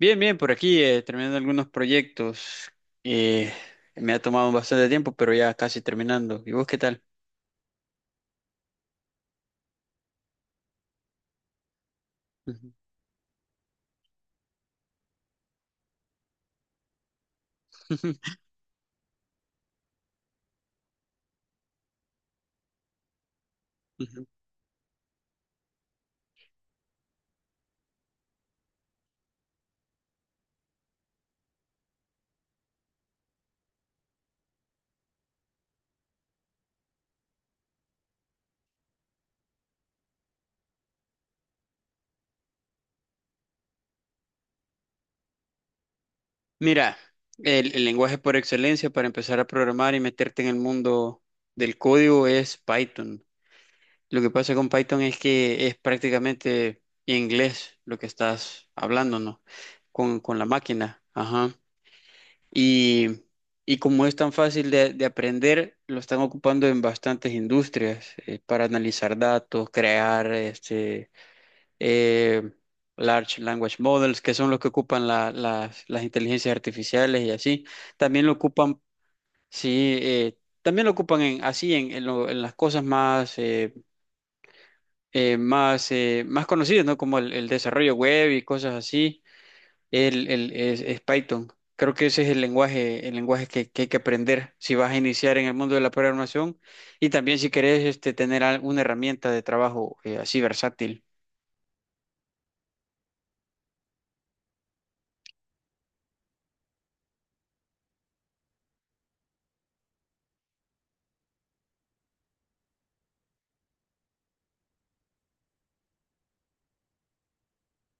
Bien, bien, por aquí terminando algunos proyectos. Eh, Me ha tomado bastante tiempo, pero ya casi terminando. ¿Y vos qué tal? Ujú. Ujú. Mira, el lenguaje por excelencia para empezar a programar y meterte en el mundo del código es Python. Lo que pasa con Python es que es prácticamente inglés lo que estás hablando, ¿no? Con la máquina. Ajá. Y, y como es tan fácil de aprender, lo están ocupando en bastantes industrias para analizar datos, crear eh, large language models, que son los que ocupan las inteligencias artificiales y así. También lo ocupan, sí, también lo ocupan en, así en, en las cosas más conocidas, ¿no? Como el desarrollo web y cosas así. Es Python. Creo que ese es el lenguaje que hay que aprender si vas a iniciar en el mundo de la programación, y también si querés tener alguna herramienta de trabajo así versátil.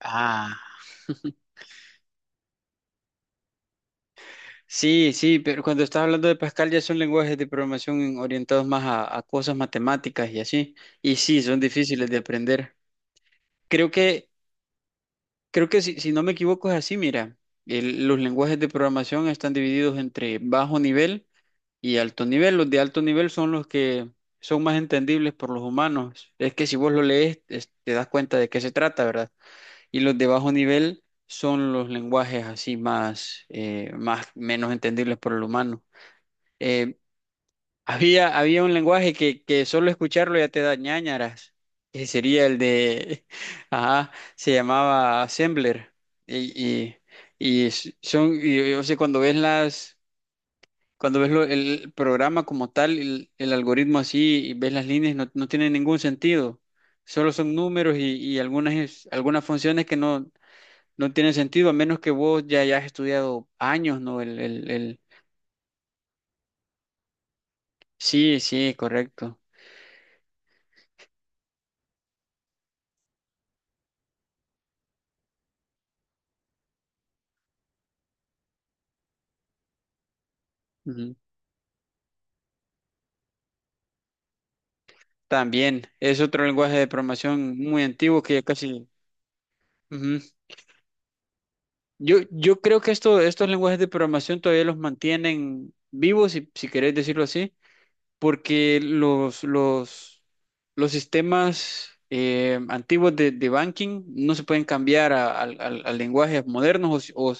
Ah. Sí, sí, pero cuando estás hablando de Pascal ya son lenguajes de programación orientados más a cosas matemáticas y así. Y sí, son difíciles de aprender. Creo que, creo que si, si no me equivoco es así, mira, los lenguajes de programación están divididos entre bajo nivel y alto nivel. Los de alto nivel son los que son más entendibles por los humanos. Es que si vos lo lees, te das cuenta de qué se trata, ¿verdad? Y los de bajo nivel son los lenguajes así más menos entendibles por el humano. Eh, había un lenguaje que solo escucharlo ya te da ñáñaras, que sería el de, ajá, se llamaba Assembler. Y, y son, o sea, cuando ves el programa como tal, el algoritmo así, y ves las líneas, no tiene ningún sentido. Solo son números y algunas funciones que no tienen sentido, a menos que vos ya hayas estudiado años, ¿no? Sí, sí, correcto. Ujú. También es otro lenguaje de programación muy antiguo que ya casi... Ujú. Yo creo que estos lenguajes de programación todavía los mantienen vivos, si, si querés decirlo así, porque los sistemas antiguos de banking no se pueden cambiar a lenguajes modernos o, si-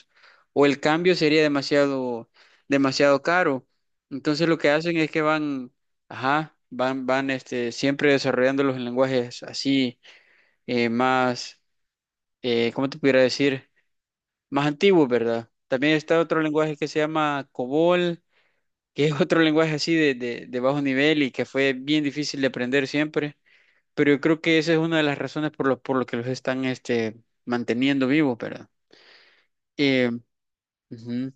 o el cambio sería demasiado, demasiado caro. Entonces lo que hacen es que van, ajá, van, van siempre desarrollando los lenguajes así más, ¿cómo te pudiera decir? Más antiguos, ¿verdad? También está otro lenguaje que se llama COBOL, que es otro lenguaje así de bajo nivel y que fue bien difícil de aprender siempre, pero yo creo que esa es una de las razones por lo que los están manteniendo vivos, ¿verdad? Eh, Ujú.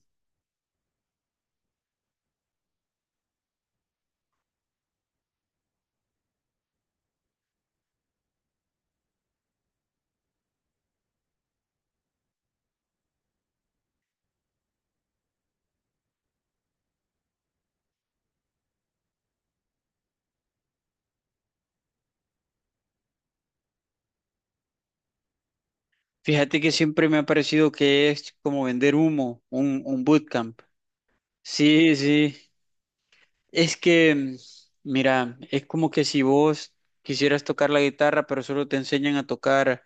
Fíjate que siempre me ha parecido que es como vender humo, un bootcamp. Sí, sí, es que, mira, es como que si vos quisieras tocar la guitarra, pero solo te enseñan a tocar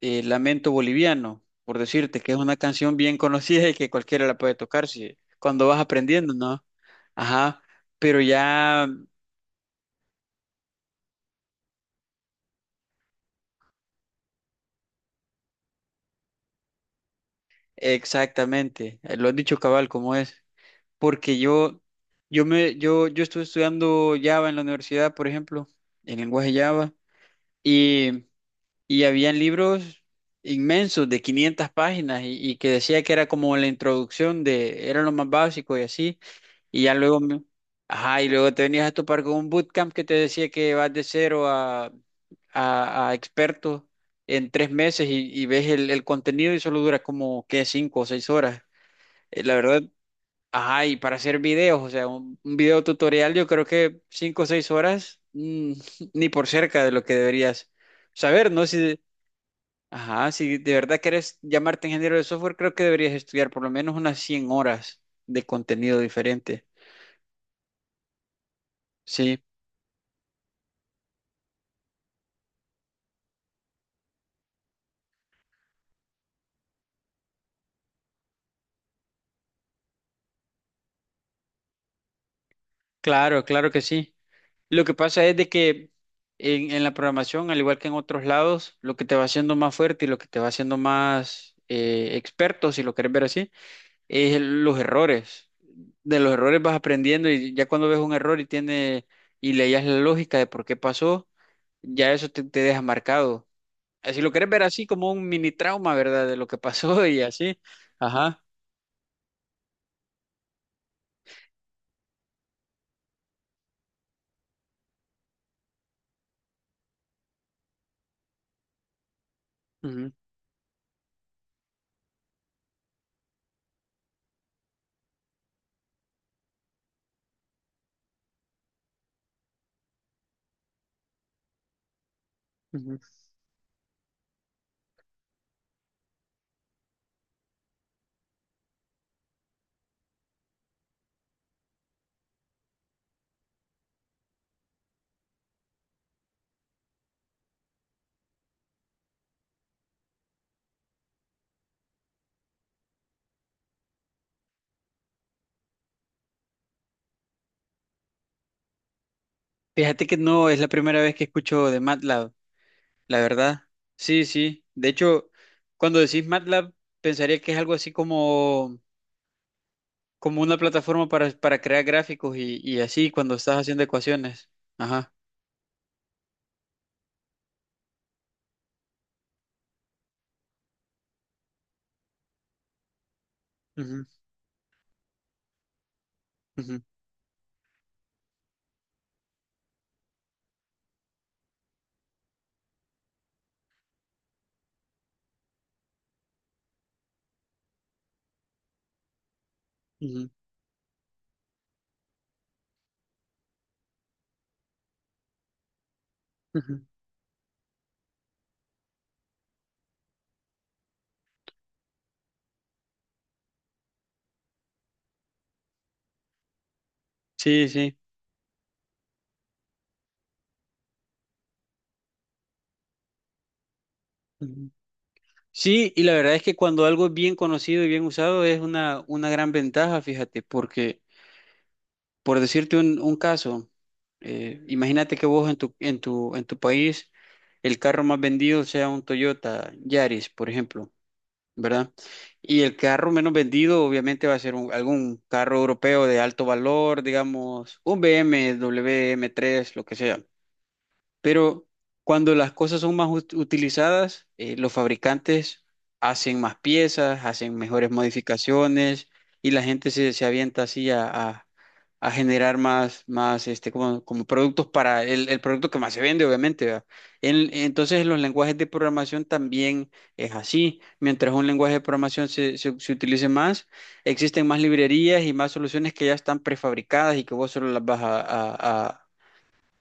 Lamento Boliviano, por decirte, que es una canción bien conocida y que cualquiera la puede tocar si, cuando vas aprendiendo, ¿no? Ajá, pero ya exactamente, lo has dicho cabal como es, porque yo estuve estudiando Java en la universidad, por ejemplo, en lenguaje Java, y, y habían libros inmensos de 500 páginas y que decía que era como la introducción era lo más básico y así. Y ya luego, ajá, y luego te venías a topar con un bootcamp que te decía que vas de cero a experto en 3 meses, y ves el contenido y solo dura como, ¿qué? 5 o 6 horas. La verdad, ajá, y para hacer videos, o sea, un video tutorial, yo creo que 5 o 6 horas, ni por cerca de lo que deberías saber, ¿no? Si, ajá, si de verdad quieres llamarte ingeniero de software, creo que deberías estudiar por lo menos unas 100 horas de contenido diferente. Sí. Claro, claro que sí. Lo que pasa es de que en la programación, al igual que en otros lados, lo que te va haciendo más fuerte y lo que te va haciendo más experto, si lo quieres ver así, es los errores. De los errores vas aprendiendo, y ya cuando ves un error y tiene, y leías la lógica de por qué pasó, ya eso te, te deja marcado. Si lo quieres ver así como un mini trauma, ¿verdad? De lo que pasó y así. Ajá. Ujú, ujú. Fíjate que no es la primera vez que escucho de MATLAB. La verdad, sí, sí. De hecho, cuando decís MATLAB, pensaría que es algo así como, como una plataforma para crear gráficos y así cuando estás haciendo ecuaciones. Ajá. Ujú, ujú, ujú, ujú. Sí, sí. Ujú. Sí, y la verdad es que cuando algo es bien conocido y bien usado es una gran ventaja, fíjate, porque por decirte un caso, imagínate que vos en tu país el carro más vendido sea un Toyota Yaris, por ejemplo. ¿Verdad? Y el carro menos vendido obviamente va a ser algún carro europeo de alto valor, digamos, un BMW M3, lo que sea. Pero cuando las cosas son más utilizadas, los fabricantes hacen más piezas, hacen mejores modificaciones, y la gente se, se avienta así a, a generar más como, como productos para el producto que más se vende, obviamente, ¿verdad? Entonces, en los lenguajes de programación también es así. Mientras un lenguaje de programación se utilice más, existen más librerías y más soluciones que ya están prefabricadas y que vos solo las vas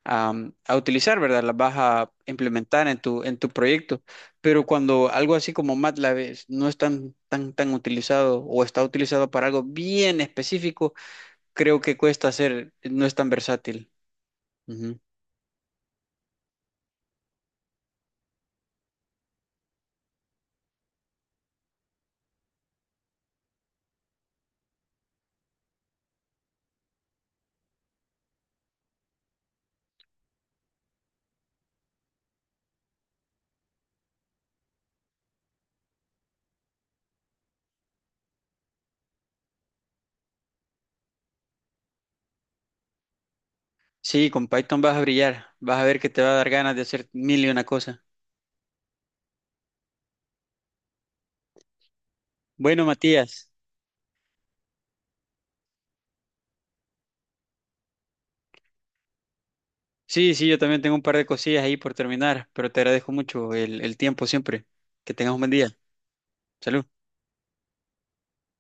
a, a utilizar, ¿verdad? Las vas a implementar en tu proyecto. Pero cuando algo así como MATLAB no es tan utilizado o está utilizado para algo bien específico, creo que cuesta hacer, no es tan versátil. Ujú. Sí, con Python vas a brillar, vas a ver que te va a dar ganas de hacer mil y una cosa. Bueno, Matías, sí, sí, yo también tengo un par de cosillas ahí por terminar, pero te agradezco mucho el tiempo siempre. Que tengas un buen día. Salud.